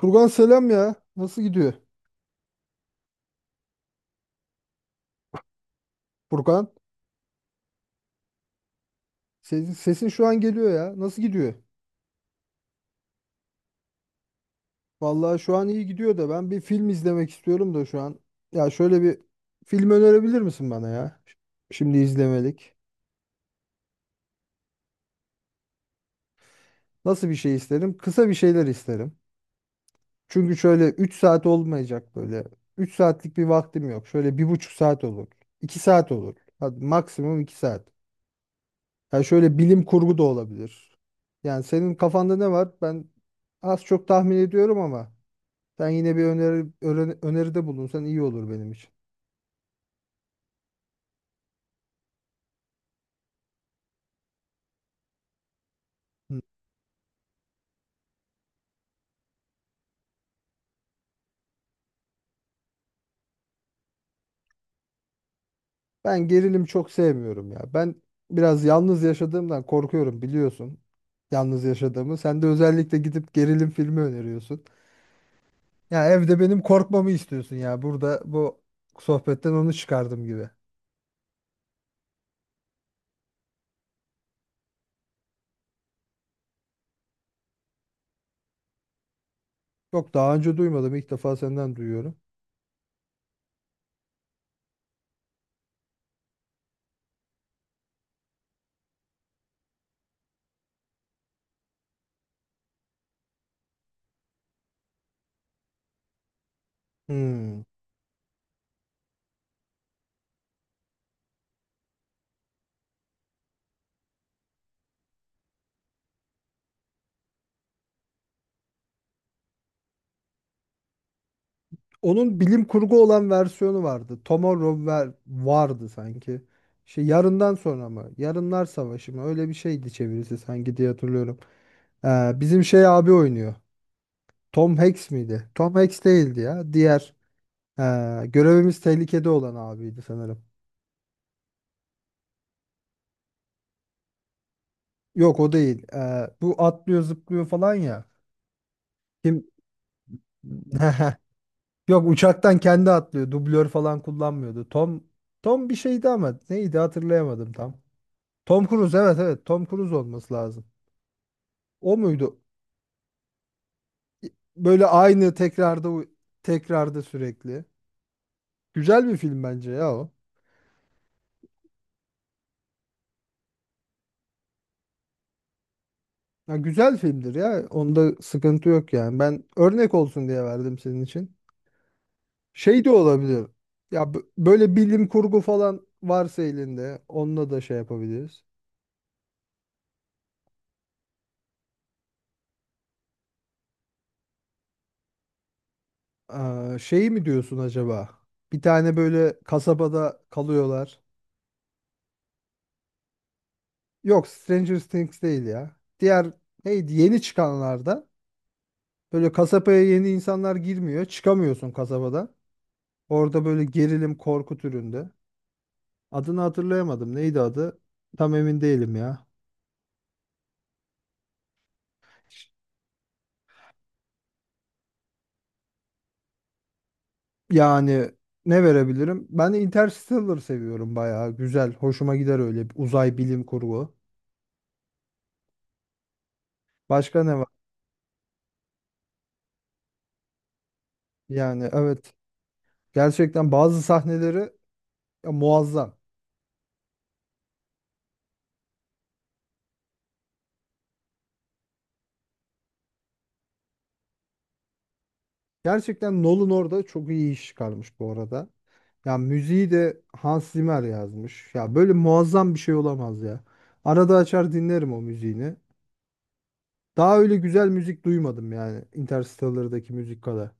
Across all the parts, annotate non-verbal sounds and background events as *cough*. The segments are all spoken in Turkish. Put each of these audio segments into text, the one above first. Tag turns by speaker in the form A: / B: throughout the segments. A: Furkan selam ya. Nasıl gidiyor? Furkan, sesin şu an geliyor ya. Nasıl gidiyor? Vallahi şu an iyi gidiyor da ben bir film izlemek istiyorum da şu an. Ya şöyle bir film önerebilir misin bana ya? Şimdi izlemelik. Nasıl bir şey isterim? Kısa bir şeyler isterim. Çünkü şöyle 3 saat olmayacak böyle. Üç saatlik bir vaktim yok. Şöyle bir buçuk saat olur, 2 saat olur. Hadi maksimum 2 saat. Ya şöyle bilim kurgu da olabilir. Yani senin kafanda ne var? Ben az çok tahmin ediyorum ama sen yine bir öneride bulunsan iyi olur benim için. Hı. Ben gerilim çok sevmiyorum ya. Ben biraz yalnız yaşadığımdan korkuyorum biliyorsun. Yalnız yaşadığımı. Sen de özellikle gidip gerilim filmi öneriyorsun. Ya evde benim korkmamı istiyorsun ya. Burada bu sohbetten onu çıkardım gibi. Yok daha önce duymadım. İlk defa senden duyuyorum. Hmm. Onun bilim kurgu olan versiyonu vardı. Tomorrow vardı sanki. Şey yarından sonra mı? Yarınlar Savaşı mı? Öyle bir şeydi çevirisi sanki diye hatırlıyorum. Bizim şey abi oynuyor. Tom Hanks miydi? Tom Hanks değildi ya. Diğer görevimiz tehlikede olan abiydi sanırım. Yok o değil. Bu atlıyor zıplıyor falan ya. Kim? *laughs* Yok uçaktan kendi atlıyor. Dublör falan kullanmıyordu. Tom bir şeydi ama neydi hatırlayamadım tam. Tom Cruise, evet evet, Tom Cruise olması lazım. O muydu? Böyle aynı tekrarda sürekli. Güzel bir film bence ya o. Ya güzel filmdir ya. Onda sıkıntı yok yani. Ben örnek olsun diye verdim senin için. Şey de olabilir. Ya böyle bilim kurgu falan varsa elinde onunla da şey yapabiliriz. Aa, şey mi diyorsun acaba? Bir tane böyle kasabada kalıyorlar. Yok, Stranger Things değil ya. Diğer neydi yeni çıkanlarda. Böyle kasabaya yeni insanlar girmiyor. Çıkamıyorsun kasabadan. Orada böyle gerilim korku türünde. Adını hatırlayamadım. Neydi adı? Tam emin değilim ya. Yani ne verebilirim? Ben Interstellar seviyorum bayağı. Güzel. Hoşuma gider öyle bir uzay bilim kurgu. Başka ne var? Yani evet. Gerçekten bazı sahneleri ya, muazzam. Gerçekten Nolan orada çok iyi iş çıkarmış bu arada. Ya müziği de Hans Zimmer yazmış. Ya böyle muazzam bir şey olamaz ya. Arada açar dinlerim o müziğini. Daha öyle güzel müzik duymadım yani Interstellar'daki müzik kadar.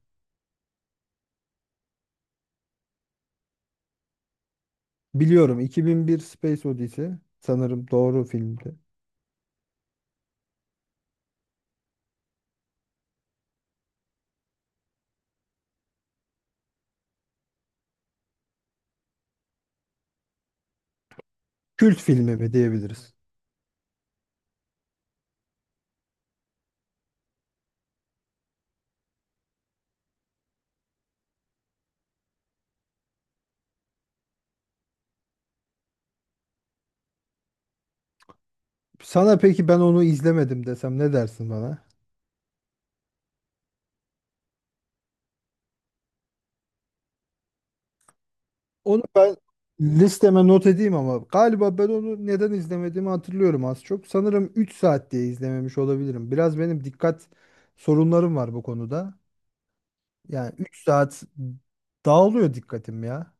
A: Biliyorum, 2001 Space Odyssey sanırım doğru filmdi. Kült filmi mi diyebiliriz. Sana peki ben onu izlemedim desem ne dersin bana? Onu ben listeme not edeyim ama galiba ben onu neden izlemediğimi hatırlıyorum az çok. Sanırım 3 saat diye izlememiş olabilirim. Biraz benim dikkat sorunlarım var bu konuda. Yani 3 saat dağılıyor dikkatim ya.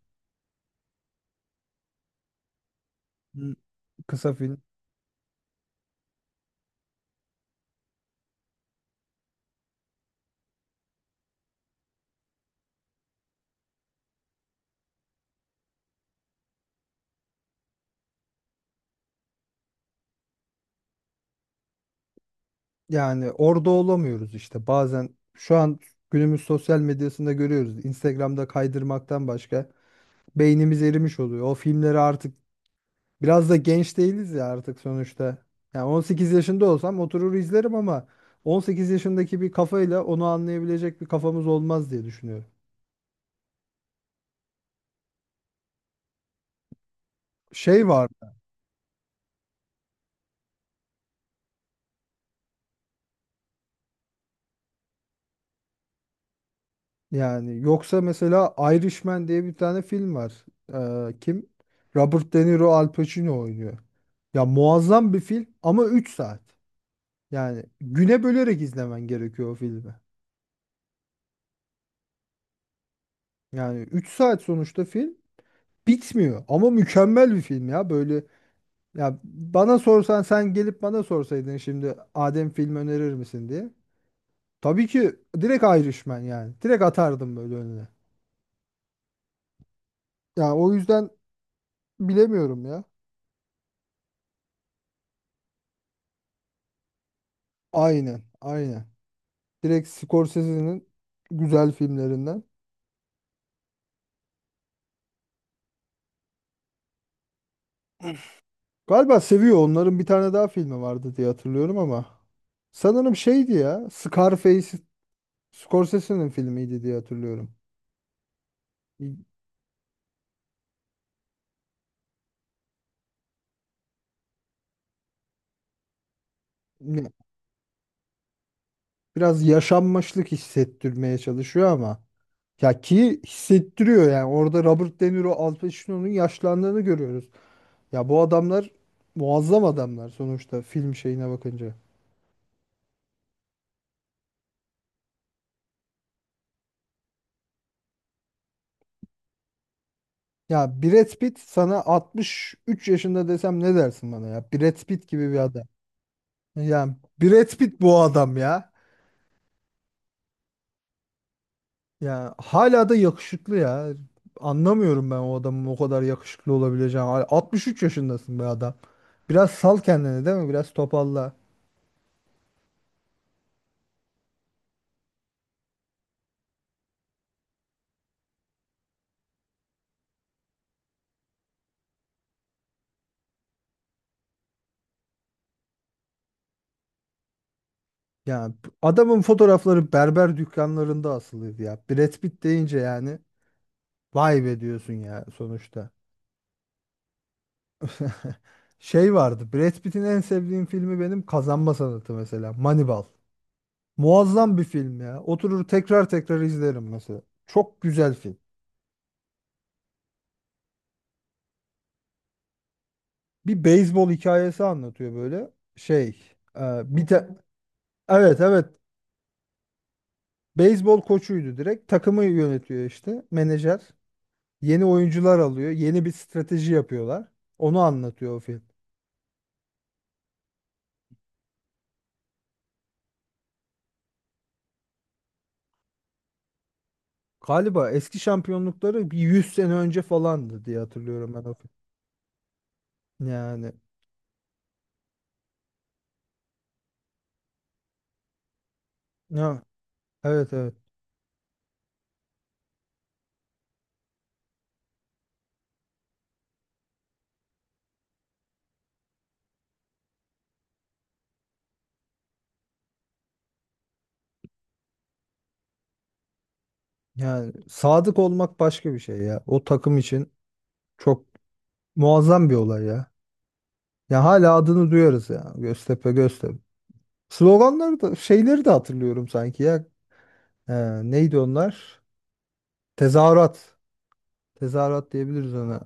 A: Hı, kısa film. Yani orada olamıyoruz işte. Bazen şu an günümüz sosyal medyasında görüyoruz. Instagram'da kaydırmaktan başka beynimiz erimiş oluyor. O filmleri artık. Biraz da genç değiliz ya artık sonuçta. Yani 18 yaşında olsam oturur izlerim ama 18 yaşındaki bir kafayla onu anlayabilecek bir kafamız olmaz diye düşünüyorum. Şey var yani, yoksa mesela Irishman diye bir tane film var. Kim? Robert De Niro, Al Pacino oynuyor. Ya muazzam bir film ama 3 saat. Yani güne bölerek izlemen gerekiyor o filmi. Yani 3 saat sonuçta film bitmiyor ama mükemmel bir film ya. Böyle, ya bana sorsan, sen gelip bana sorsaydın şimdi Adem film önerir misin diye. Tabii ki direkt Irishman yani. Direkt atardım böyle önüne. Ya o yüzden bilemiyorum ya. Aynen, aynen. Direkt Scorsese'nin güzel filmlerinden. Galiba seviyor. Onların bir tane daha filmi vardı diye hatırlıyorum ama. Sanırım şeydi ya. Scarface Scorsese'nin filmiydi diye hatırlıyorum. Ne- Biraz yaşanmışlık hissettirmeye çalışıyor ama. Ya ki hissettiriyor yani orada Robert De Niro, Al Pacino'nun yaşlandığını görüyoruz. Ya bu adamlar muazzam adamlar sonuçta film şeyine bakınca. Ya Brad Pitt sana 63 yaşında desem ne dersin bana ya? Brad Pitt gibi bir adam. Yani Brad Pitt bu adam ya. Ya hala da yakışıklı ya. Anlamıyorum ben o adamın o kadar yakışıklı olabileceğini. Hala 63 yaşındasın be adam. Biraz sal kendini değil mi? Biraz topalla. Ya adamın fotoğrafları berber dükkanlarında asılıydı ya. Brad Pitt deyince yani vay be diyorsun ya sonuçta. *laughs* Şey vardı. Brad Pitt'in en sevdiğim filmi benim Kazanma Sanatı mesela. Moneyball. Muazzam bir film ya. Oturur tekrar tekrar izlerim mesela. Çok güzel film. Bir beyzbol hikayesi anlatıyor böyle. Şey, e, bir ta- evet evet, beyzbol koçuydu direkt. Takımı yönetiyor işte menajer. Yeni oyuncular alıyor. Yeni bir strateji yapıyorlar. Onu anlatıyor o film. Galiba eski şampiyonlukları bir 100 sene önce falandı diye hatırlıyorum ben o film. Yani ya, evet evet. Yani sadık olmak başka bir şey ya. O takım için çok muazzam bir olay ya. Ya hala adını duyarız ya. Göztepe Göztepe. Sloganları da şeyleri de hatırlıyorum sanki ya. Ee, Neydi onlar? Tezahürat. Tezahürat diyebiliriz ona.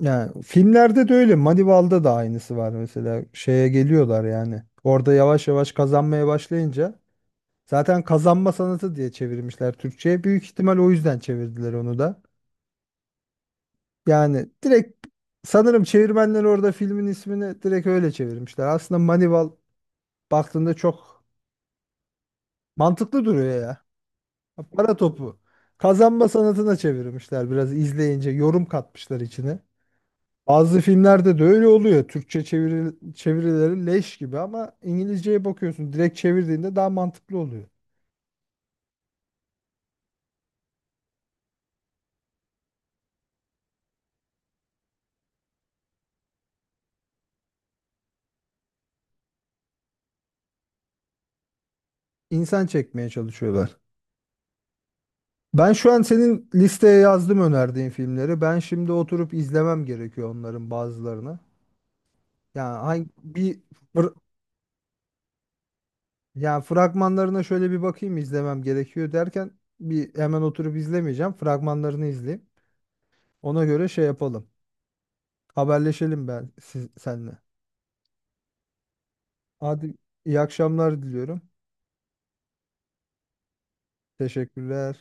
A: Yani filmlerde de öyle. Manival'da da aynısı var mesela. Şeye geliyorlar yani. Orada yavaş yavaş kazanmaya başlayınca zaten kazanma sanatı diye çevirmişler Türkçe'ye. Büyük ihtimal o yüzden çevirdiler onu da. Yani direkt sanırım çevirmenler orada filmin ismini direkt öyle çevirmişler. Aslında Manival baktığında çok mantıklı duruyor ya. Para topu. Kazanma sanatına çevirmişler, biraz izleyince yorum katmışlar içine. Bazı filmlerde de öyle oluyor. Türkçe çevirileri leş gibi ama İngilizceye bakıyorsun. Direkt çevirdiğinde daha mantıklı oluyor. İnsan çekmeye çalışıyorlar. Ben şu an senin listeye yazdım önerdiğin filmleri. Ben şimdi oturup izlemem gerekiyor onların bazılarını. Yani hangi bir fır- yani fragmanlarına şöyle bir bakayım izlemem gerekiyor derken bir hemen oturup izlemeyeceğim. Fragmanlarını izleyeyim. Ona göre şey yapalım. Haberleşelim ben senle. Hadi iyi akşamlar diliyorum. Teşekkürler.